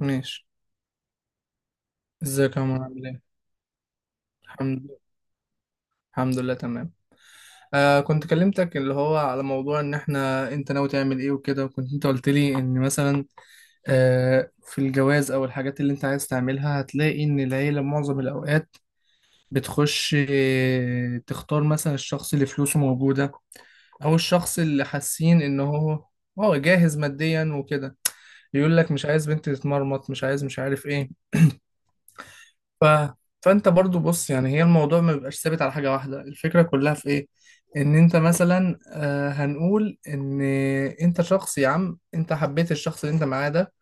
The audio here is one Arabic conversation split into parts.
ماشي. ازيك يا عمر؟ عامل ايه؟ الحمد لله. الحمد لله تمام. آه، كنت كلمتك اللي هو على موضوع ان احنا انت ناوي تعمل ايه وكده، وكنت انت قلت لي ان مثلا في الجواز او الحاجات اللي انت عايز تعملها هتلاقي ان العيلة معظم الاوقات بتخش، تختار مثلا الشخص اللي فلوسه موجودة، او الشخص اللي حاسين ان هو جاهز ماديا وكده. يقول لك مش عايز بنت تتمرمط، مش عايز، مش عارف ايه. ف... فانت برضو بص، يعني هي الموضوع ما بيبقاش ثابت على حاجة واحدة. الفكرة كلها في ايه؟ ان انت مثلا، هنقول ان انت شخص، يا عم انت حبيت الشخص اللي انت معاه ده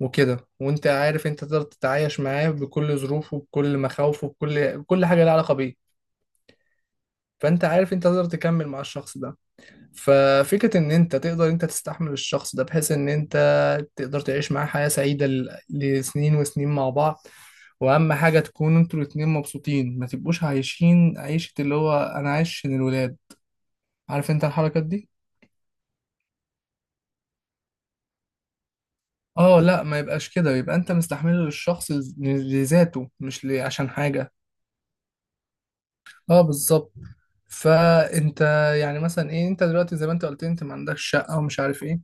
وكده، وانت عارف انت تقدر تتعايش معاه بكل ظروفه، بكل مخاوفه، بكل كل حاجة لها علاقة بيه. فانت عارف انت تقدر تكمل مع الشخص ده. ففكرة إن أنت تقدر أنت تستحمل الشخص ده بحيث إن أنت تقدر تعيش معاه حياة سعيدة لسنين وسنين مع بعض. وأهم حاجة تكونوا أنتوا الاتنين مبسوطين، ما تبقوش عايشين عيشة اللي هو أنا عايش عشان الولاد. عارف أنت الحركات دي؟ اه، لا ما يبقاش كده، يبقى انت مستحمله للشخص لذاته، مش عشان حاجة. اه بالظبط. فانت يعني مثلا ايه، انت دلوقتي زي ما انت قلت انت ما عندكش شقة ومش عارف ايه،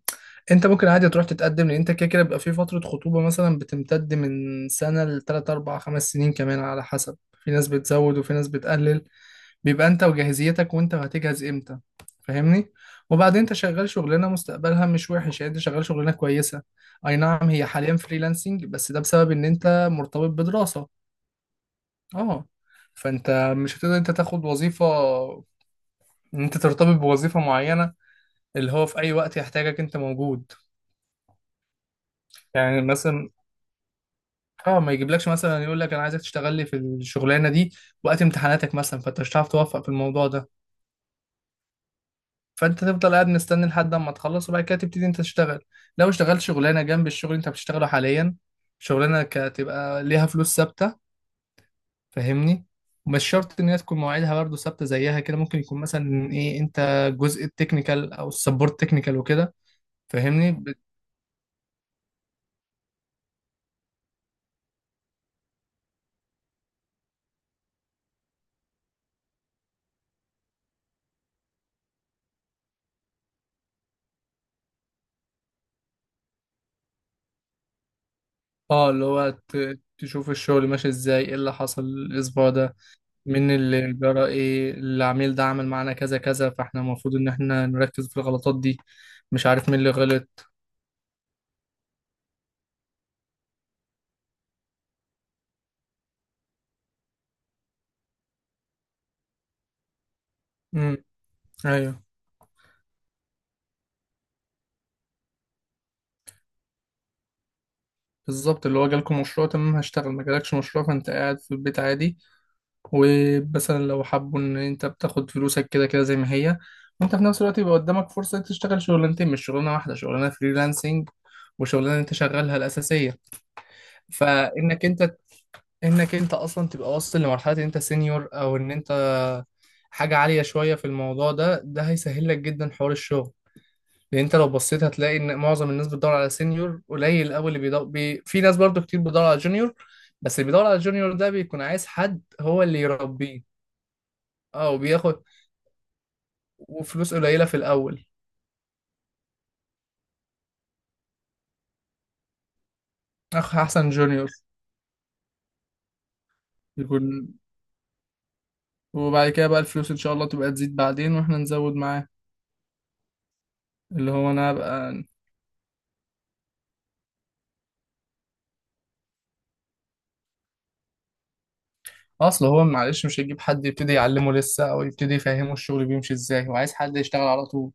انت ممكن عادي تروح تتقدم، لان انت كده كده بيبقى في فترة خطوبة مثلا بتمتد من سنة لتلات اربع خمس سنين كمان على حسب. في ناس بتزود وفي ناس بتقلل. بيبقى انت وجاهزيتك، وانت هتجهز امتى. فاهمني. وبعدين انت شغال شغلانة مستقبلها مش وحش، يعني انت شغال شغلانة كويسة. اي نعم هي حاليا فريلانسنج، بس ده بسبب ان انت مرتبط بدراسة. اه. فانت مش هتقدر انت تاخد وظيفة، ان انت ترتبط بوظيفة معينة، اللي هو في اي وقت يحتاجك انت موجود. يعني مثلا اه، ما يجيبلكش مثلا يقول لك انا عايزك تشتغل لي في الشغلانه دي وقت امتحاناتك مثلا، فانت مش هتعرف توفق في الموضوع ده. فانت تفضل قاعد مستني لحد اما تخلص، وبعد كده تبتدي انت تشتغل. لو اشتغلت شغلانه جنب الشغل اللي انت بتشتغله حاليا، شغلانه هتبقى ليها فلوس ثابته، فاهمني؟ مش شرط ان هي تكون مواعيدها برضه ثابته زيها كده، ممكن يكون مثلا ايه، انت جزء التكنيكال او السبورت تكنيكال وكده. فاهمني؟ اه، اللي هو تشوف الشغل ماشي ازاي، ايه اللي حصل الاسبوع ده، من اللي جرى ايه، العميل ده عمل معانا كذا كذا، فاحنا المفروض ان احنا نركز في الغلطات دي، مش عارف مين اللي غلط. امم ايوه، بالظبط، اللي هو جالكم مشروع تمام هشتغل، ما جالكش مشروع فانت قاعد في البيت عادي. ومثلا لو حابوا ان انت بتاخد فلوسك كده كده زي ما هي، وانت في نفس الوقت، يبقى قدامك فرصة تشتغل شغلانتين مش شغلانة واحدة: شغلانة فريلانسنج وشغلانة انت شغالها الأساسية. فإنك انك انت اصلا تبقى واصل لمرحلة ان انت سينيور، او ان انت حاجة عالية شوية في الموضوع ده، ده هيسهل لك جدا حوار الشغل. لأن أنت لو بصيت هتلاقي إن معظم الناس بتدور على سينيور قليل أوي اللي بيدور في ناس برضو كتير بتدور على جونيور، بس اللي بيدور على جونيور ده بيكون عايز حد هو اللي يربيه. اه، وبياخد وفلوس قليلة في الأول. أخ، أحسن جونيور يكون. وبعد كده بقى الفلوس إن شاء الله تبقى تزيد بعدين وإحنا نزود معاه، اللي هو أنا أبقى. أصل هو معلش مش هيجيب حد يبتدي يعلمه لسه أو يبتدي يفهمه الشغل بيمشي إزاي، هو عايز حد يشتغل على طول.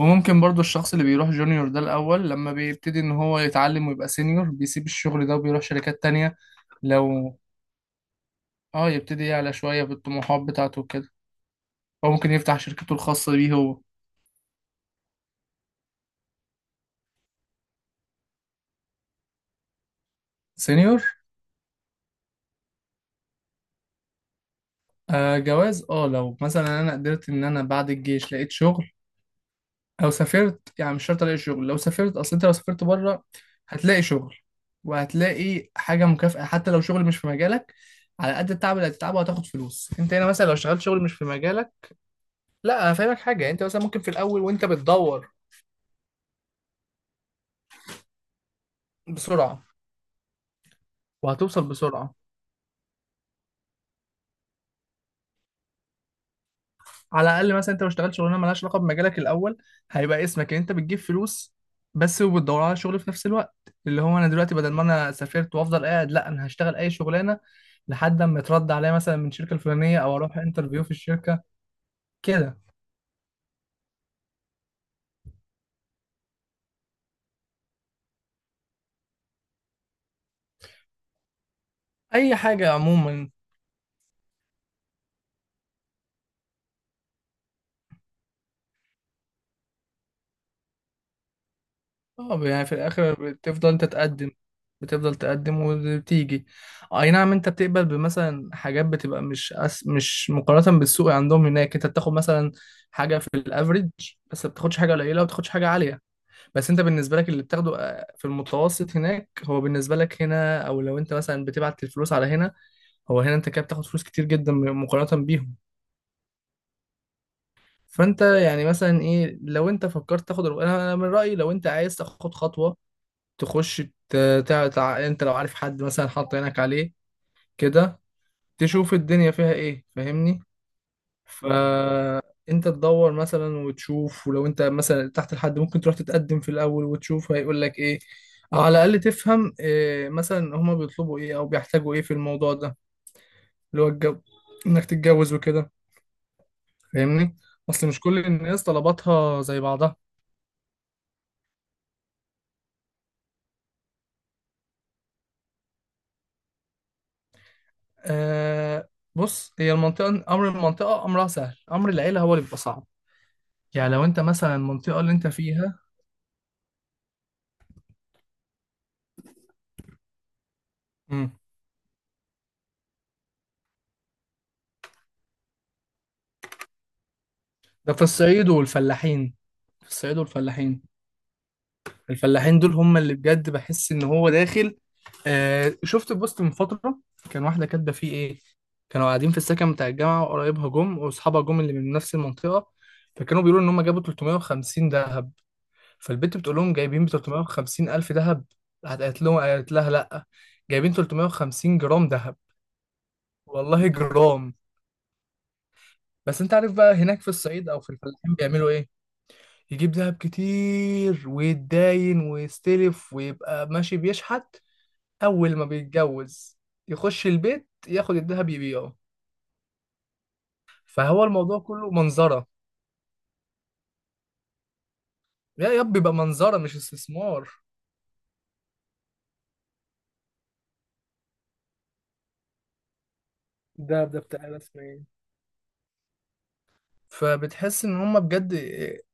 وممكن برضو الشخص اللي بيروح جونيور ده الأول، لما بيبتدي إن هو يتعلم ويبقى سينيور، بيسيب الشغل ده وبيروح شركات تانية. لو آه، يبتدي يعلى شوية بالطموحات بتاعته وكده، أو ممكن يفتح شركته الخاصة بيه هو. سينيور. آه جواز، آه، لو مثلا أنا قدرت إن أنا بعد الجيش لقيت شغل، أو سافرت، يعني مش شرط ألاقي شغل لو سافرت. أصل أنت لو سافرت بره هتلاقي شغل، وهتلاقي حاجة مكافأة حتى لو شغل مش في مجالك. على قد التعب اللي هتتعبه هتاخد فلوس. أنت هنا مثلا لو اشتغلت شغل مش في مجالك، لا انا فاهمك حاجه، يعني انت مثلا ممكن في الاول وانت بتدور بسرعه، وهتوصل بسرعه. على الاقل مثلا انت ما اشتغلتش شغلانه مالهاش علاقه بمجالك الاول، هيبقى اسمك ان انت بتجيب فلوس بس، وبتدور على شغل في نفس الوقت. اللي هو انا دلوقتي بدل ما انا سافرت وافضل قاعد، لا انا هشتغل اي شغلانه لحد اما يترد عليا مثلا من الشركه الفلانيه او اروح انترفيو في الشركه. كده. اي حاجه عموما. اه، يعني في الاخر بتفضل تتقدم، بتفضل تقدم وبتيجي. اي نعم انت بتقبل بمثلا حاجات بتبقى مش مش مقارنة بالسوق عندهم هناك، انت بتاخد مثلا حاجة في الافريج، بس ما بتاخدش حاجة قليلة وما بتاخدش حاجة عالية. بس انت بالنسبة لك، اللي بتاخده، في المتوسط هناك، هو بالنسبة لك هنا، او لو انت مثلا بتبعت الفلوس على هنا، هو هنا انت كده بتاخد فلوس كتير جدا مقارنة بيهم. فانت يعني مثلا ايه، لو انت فكرت تاخد، انا أنا من رأيي لو انت عايز تاخد خطوة، تخش. ت... انت لو عارف حد مثلا حاط عينك عليه كده، تشوف الدنيا فيها ايه، فاهمني. فانت تدور مثلا وتشوف، ولو انت مثلا تحت الحد، ممكن تروح تتقدم في الاول وتشوف هيقول لك ايه. أو على الاقل تفهم إيه مثلا هما بيطلبوا ايه او بيحتاجوا ايه في الموضوع ده، اللي هو الجو انك تتجوز وكده، فاهمني. اصل مش كل الناس طلباتها زي بعضها. آه، بص، هي المنطقة أمر، المنطقة أمرها سهل، أمر العيلة هو اللي بيبقى صعب. يعني لو انت مثلا المنطقة اللي انت فيها. امم. ده في الصعيد والفلاحين. في الصعيد والفلاحين، الفلاحين دول هم اللي بجد بحس ان هو داخل. آه، شفت بوست من فترة، كان واحدة كاتبة فيه ايه، كانوا قاعدين في السكن بتاع الجامعة، وقرايبها جم واصحابها جم اللي من نفس المنطقة، فكانوا بيقولوا ان هم جابوا 350 ذهب. فالبنت بتقول لهم جايبين ب 350 الف ذهب. راحت قالت لهم، قالت لها لا، جايبين 350 جرام ذهب. والله جرام. بس انت عارف بقى هناك في الصعيد او في الفلاحين بيعملوا ايه، يجيب دهب كتير ويتداين ويستلف، ويبقى ماشي بيشحت. أول ما بيتجوز يخش البيت ياخد الدهب يبيعه. فهو الموضوع كله منظرة، يا يب بيبقى منظرة مش استثمار. الدهب ده بتاع ناس، اسمه ايه، فبتحس ان هما بجد.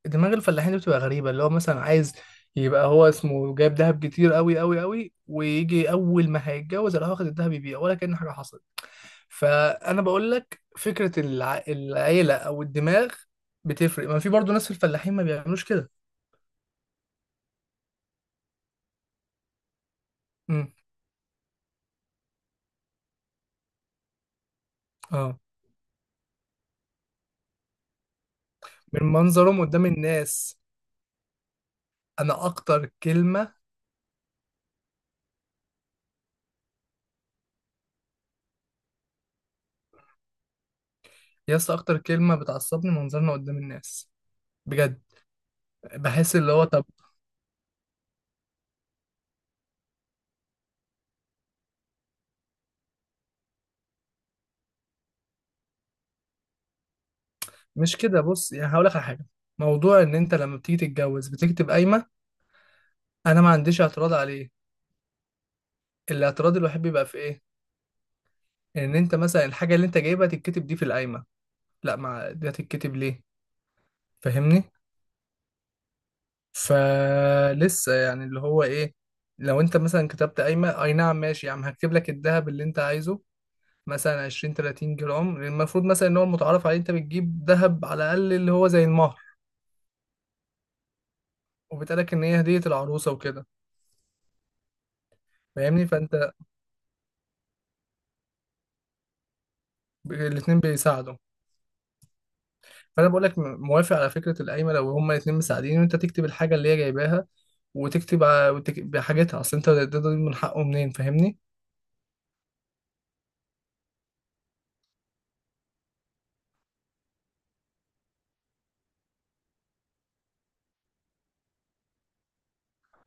دماغ الفلاحين دي بتبقى غريبه، اللي هو مثلا عايز يبقى هو اسمه جايب دهب كتير قوي قوي قوي، ويجي اول ما هيتجوز يروح واخد الدهب يبيع ولا كأن حاجه حصلت. فانا بقول لك فكره العيله او الدماغ بتفرق، ما في برضو ناس في الفلاحين ما بيعملوش كده. امم. اه، من منظرهم قدام الناس. انا اكتر كلمه، يا اسطى اكتر كلمه بتعصبني، منظرنا قدام الناس. بجد بحس اللي هو طب. مش كده، بص يعني هقول لك على حاجه. موضوع ان انت لما بتيجي تتجوز بتكتب قايمه، انا ما عنديش اعتراض عليه. الاعتراض الوحيد بيبقى في ايه؟ ان انت مثلا الحاجه اللي انت جايبها تتكتب دي في القايمه، لا، ما دي هتتكتب ليه؟ فاهمني. فلسه يعني اللي هو ايه، لو انت مثلا كتبت قايمه، اي نعم ماشي يا عم هكتب لك الذهب اللي انت عايزه، مثلا 20 30 جرام، المفروض مثلا ان هو المتعارف عليه انت بتجيب ذهب على الاقل، اللي هو زي المهر، وبتقالك ان هي هديه العروسه وكده. فاهمني. فانت الاتنين بيساعدوا. فانا بقول لك موافق على فكره القايمه لو هما الاتنين مساعدين، وانت تكتب الحاجه اللي هي جايباها، وتكتب بحاجتها، اصل انت ده من حقه منين، فاهمني.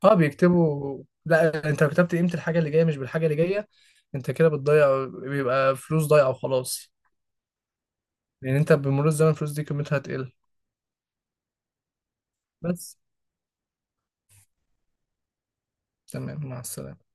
اه بيكتبوا، لا انت لو كتبت قيمة الحاجة اللي جاية مش بالحاجة اللي جاية، انت كده بتضيع، بيبقى فلوس ضايعة وخلاص. لان انت بمرور الزمن الفلوس دي قيمتها هتقل. بس. تمام، مع السلامة.